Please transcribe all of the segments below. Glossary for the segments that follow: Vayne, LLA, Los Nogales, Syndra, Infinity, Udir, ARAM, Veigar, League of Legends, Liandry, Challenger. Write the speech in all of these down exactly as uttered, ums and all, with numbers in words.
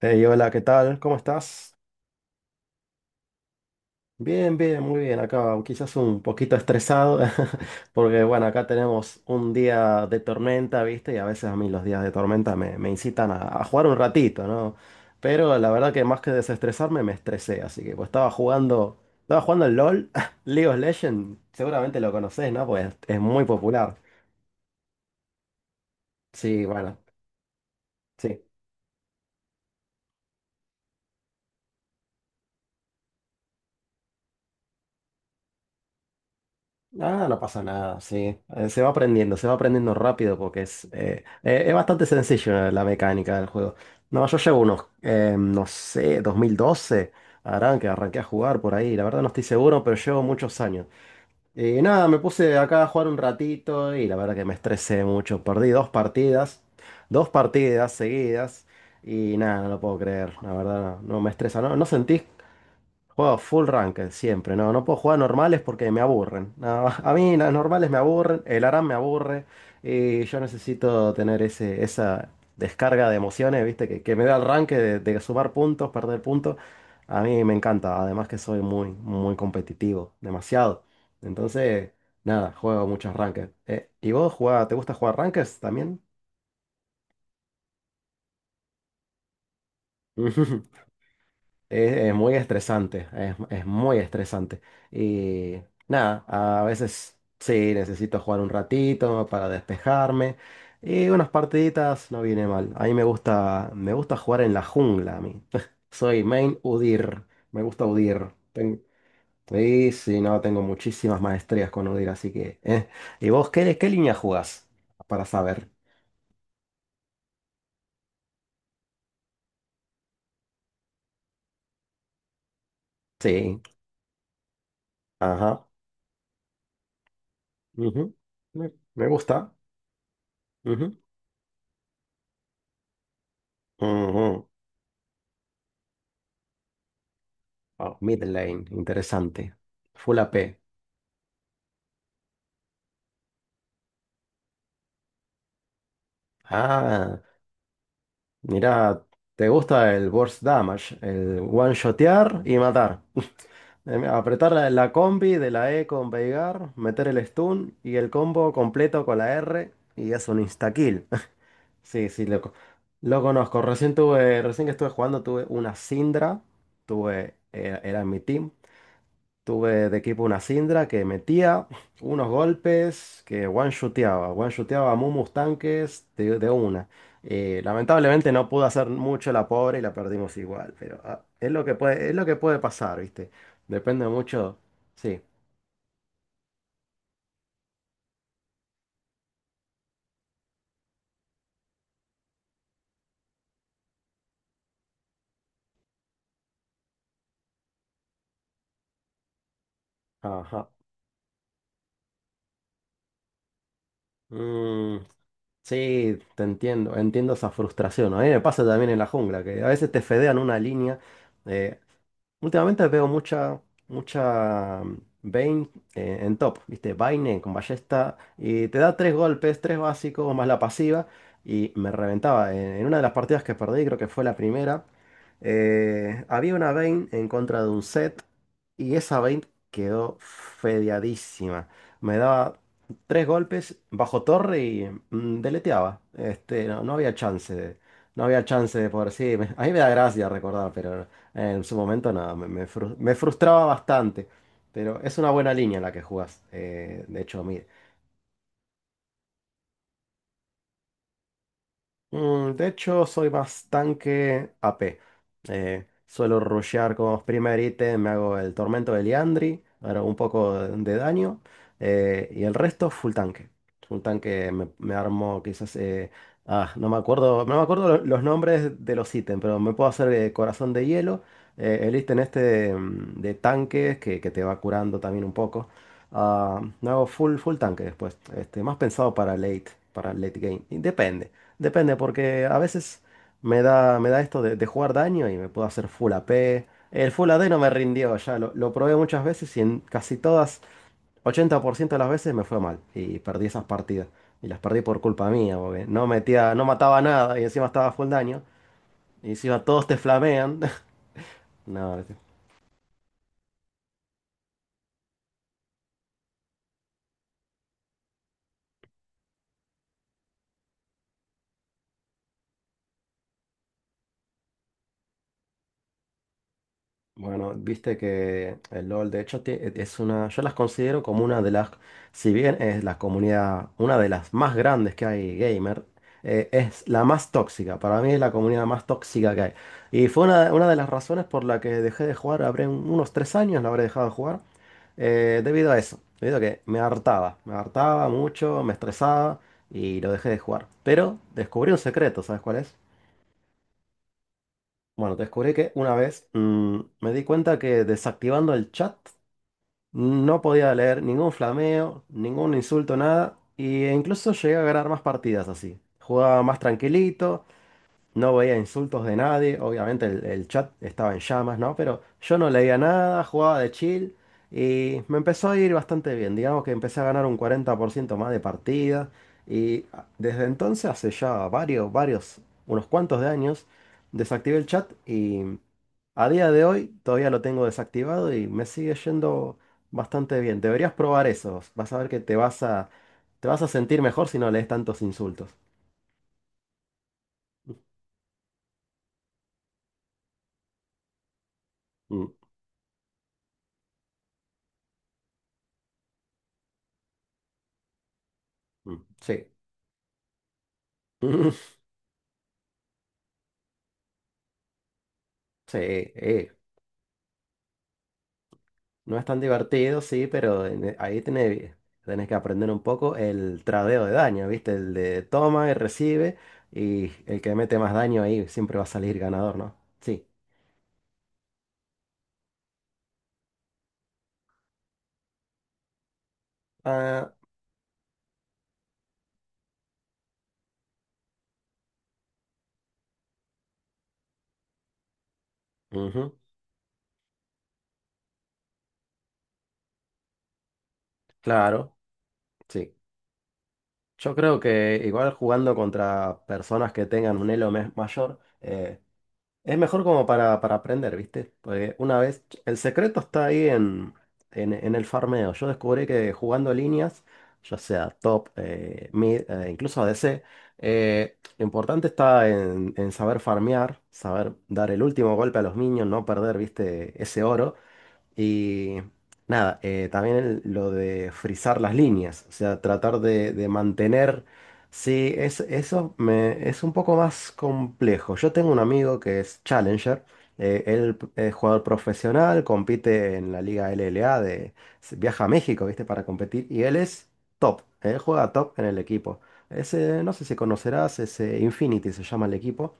Hey, hola, ¿qué tal? ¿Cómo estás? Bien, bien, muy bien. Acá quizás un poquito estresado, porque bueno, acá tenemos un día de tormenta, ¿viste? Y a veces a mí los días de tormenta me, me incitan a, a jugar un ratito, ¿no? Pero la verdad que más que desestresarme, me estresé. Así que pues estaba jugando, estaba jugando el LOL, League of Legends, seguramente lo conocés, ¿no? Pues es muy popular. Sí, bueno, sí. Ah, no pasa nada, sí. Eh, se va aprendiendo, se va aprendiendo rápido porque es, eh, eh, es bastante sencillo, eh, la mecánica del juego. No, yo llevo unos, eh, no sé, dos mil doce, harán que arranqué a jugar por ahí. La verdad no estoy seguro, pero llevo muchos años. Y nada, me puse acá a jugar un ratito y la verdad que me estresé mucho. Perdí dos partidas, dos partidas seguidas y nada, no lo puedo creer. La verdad no, no me estresa. ¿No, no sentís? Juego full ranked siempre, no, no puedo jugar normales porque me aburren. No, a mí las normales me aburren, el ARAM me aburre y yo necesito tener ese, esa descarga de emociones, ¿viste? Que, que me da el ranked de, de sumar puntos, perder puntos. A mí me encanta, además que soy muy, muy competitivo, demasiado. Entonces, nada, juego muchos ranked. Eh, ¿y vos jugá- te gusta jugar ranked también? Es, es muy estresante, es, es muy estresante. Y nada, a veces sí, necesito jugar un ratito para despejarme. Y unas partiditas no viene mal. A mí me gusta, me gusta jugar en la jungla a mí. Soy main Udir, me gusta Udir. Ten- sí, sí, no, tengo muchísimas maestrías con Udir, así que... eh. ¿Y vos qué, qué línea jugás? Para saber. Sí, ajá. Ujú, Me, me gusta. Ujú, ujú. Oh, mid lane, interesante. Full A P. Ah, mira, te gusta el burst damage, el one-shotear y matar. Em, Apretar la, la combi de la E con Veigar, meter el stun y el combo completo con la R y es un insta-kill. Sí, sí, loco. Lo conozco. Recién tuve, recién que estuve jugando tuve una Syndra. Tuve, era, era en mi team. Tuve de equipo una Syndra que metía unos golpes que one-shoteaba, one-shoteaba a Mumus tanques de, de una. Eh, lamentablemente no pudo hacer mucho la pobre y la perdimos igual, pero ah, es lo que puede, es lo que puede pasar, ¿viste? Depende mucho. Sí, ajá. Mm, sí, te entiendo, entiendo esa frustración. A mí me pasa también en la jungla, que a veces te fedean una línea. eh, Últimamente veo mucha, mucha mm, Vayne eh, en top, ¿viste? Vayne con ballesta y te da tres golpes, tres básicos más la pasiva y me reventaba. En, en una de las partidas que perdí, creo que fue la primera, eh, había una Vayne en contra de un set y esa Vayne quedó fedeadísima. Me daba tres golpes bajo torre y mm, deleteaba. Este, no, no había chance de, no había chance de poder, sí, me- a mí me da gracia recordar, pero... En su momento nada, me, me fru- me frustraba bastante, pero es una buena línea la que jugás. Eh, de hecho, mi- Mm, de hecho, soy más tanque A P. Eh, suelo rushear como primer ítem, me hago el tormento de Liandry, hago un poco de de daño, eh, y el resto full tanque. Full tanque me, me armo quizás... eh, ah, no me acuerdo, no me acuerdo lo- los nombres de los ítems, pero me puedo hacer eh, corazón de hielo, eh, el ítem este de, mm, de tanques que, que te va curando también un poco. Ah, me hago full, full tanque después, este, más pensado para late, para late game, y depende. Depende, porque a veces me da, me da esto de, de jugar daño y me puedo hacer full A P. El full A D no me rindió ya, lo, lo probé muchas veces y en casi todas, ochenta por ciento de las veces me fue mal y perdí esas partidas. Y las perdí por culpa mía, porque no metía, no mataba nada y encima estaba full daño. Y encima todos te flamean. No, no. Bueno, viste que el LOL, de hecho, tie- es una, yo las considero como una de las, si bien es la comunidad, una de las más grandes que hay gamer, eh, es la más tóxica, para mí es la comunidad más tóxica que hay. Y fue una, una de las razones por la que dejé de jugar, habré un- unos tres años, la habré dejado de jugar, eh, debido a eso, debido a que me hartaba, me hartaba, mucho, me estresaba y lo dejé de jugar. Pero descubrí un secreto, ¿sabes cuál es? Bueno, descubrí que una vez mm, me di cuenta que desactivando el chat no podía leer ningún flameo, ningún insulto, nada. Y incluso llegué a ganar más partidas así. Jugaba más tranquilito, no veía insultos de nadie. Obviamente el, el chat estaba en llamas, ¿no? Pero yo no leía nada, jugaba de chill. Y me empezó a ir bastante bien. Digamos que empecé a ganar un cuarenta por ciento más de partidas. Y ah, desde entonces, hace ya varios, varios, unos cuantos de años, desactivé el chat y... A día de hoy todavía lo tengo desactivado y me sigue yendo bastante bien. Deberías probar eso. Vas a ver que te vas a, te vas a sentir mejor si no lees tantos insultos. Mm, mm, sí. Sí, eh. No es tan divertido, sí, pero en- ahí tenés, tenés, que aprender un poco el tradeo de daño, ¿viste? El de toma y recibe y el que mete más daño ahí siempre va a salir ganador, ¿no? Sí. Ah, ujú, claro. Sí. Yo creo que igual jugando contra personas que tengan un elo mes- mayor, eh, es mejor como para, para aprender, ¿viste? Porque una vez, el secreto está ahí en, en, en el farmeo. Yo descubrí que jugando líneas, ya sea top, eh, mid, eh, incluso A D C, eh, lo importante está en, en saber farmear, saber dar el último golpe a los minions, no perder, ¿viste? Ese oro. Y nada, eh, también el- lo de frizar las líneas, o sea, tratar de, de mantener... Sí, es, eso me, es un poco más complejo. Yo tengo un amigo que es Challenger, eh, él es jugador profesional, compite en la Liga L L A, de, se- viaja a México, ¿viste? Para competir, y él es top, él juega top en el equipo. Ese, no sé si conocerás, ese Infinity se llama el equipo.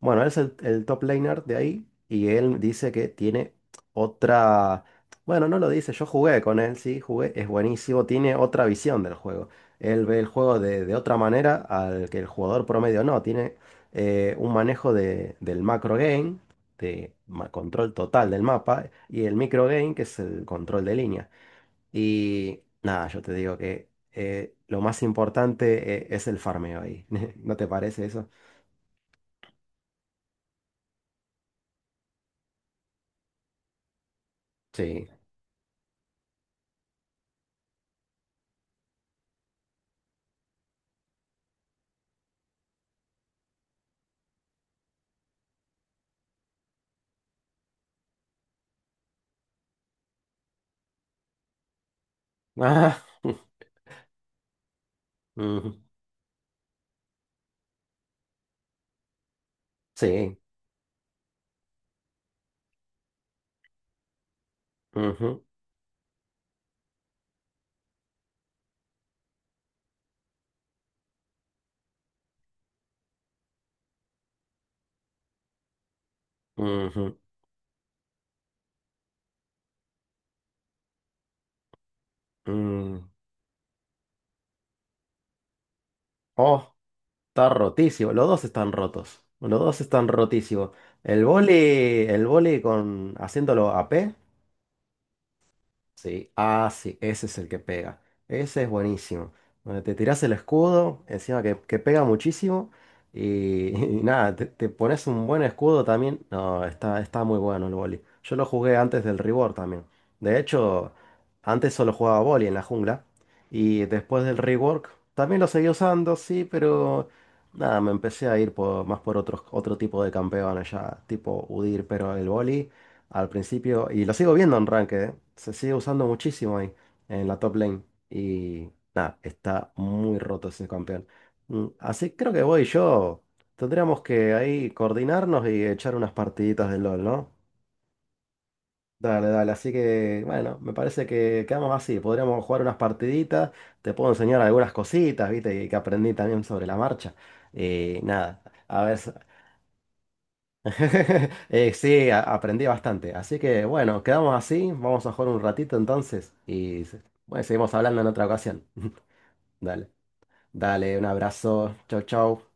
Bueno, él es el, el top laner de ahí y él dice que tiene otra... Bueno, no lo dice, yo jugué con él, sí, jugué, es buenísimo, tiene otra visión del juego. Él ve el juego de, de otra manera al que el jugador promedio no, tiene eh, un manejo de- del macro game, de ma- control total del mapa, y el micro game, que es el control de línea. Y nada, yo te digo que eh, lo más importante eh, es el farmeo ahí. ¿No te parece eso? Sí. Ujú, sí. Ujú, ujú, mm. Oh, está rotísimo. Los dos están rotos. Los dos están rotísimos. El vóley, el vóley con haciéndolo a P. Sí, ah, sí, ese es el que pega. Ese es buenísimo. Donde te tiras el escudo, encima que, que pega muchísimo. Y y nada, te, te pones un buen escudo también. No, está, está muy bueno el boli. Yo lo jugué antes del rework también. De hecho, antes solo jugaba boli en la jungla. Y después del rework también lo seguí usando, sí, pero nada, me empecé a ir por, más por otros, otro tipo de campeones ya, tipo Udir, pero el boli al principio, y lo sigo viendo en Ranked, ¿eh? Se sigue usando muchísimo ahí, en la top lane. Y nada, está muy roto ese campeón. Mm, así creo que voy yo, tendríamos que ahí coordinarnos y echar unas partiditas de LOL, ¿no? Dale, dale, así que bueno, me parece que quedamos así, podríamos jugar unas partiditas, te puedo enseñar algunas cositas, viste, y que aprendí también sobre la marcha. Y nada, a ver, Eh, sí, a- aprendí bastante. Así que bueno, quedamos así. Vamos a jugar un ratito entonces. Y se- bueno, seguimos hablando en otra ocasión. Dale, dale, un abrazo. Chau, chau.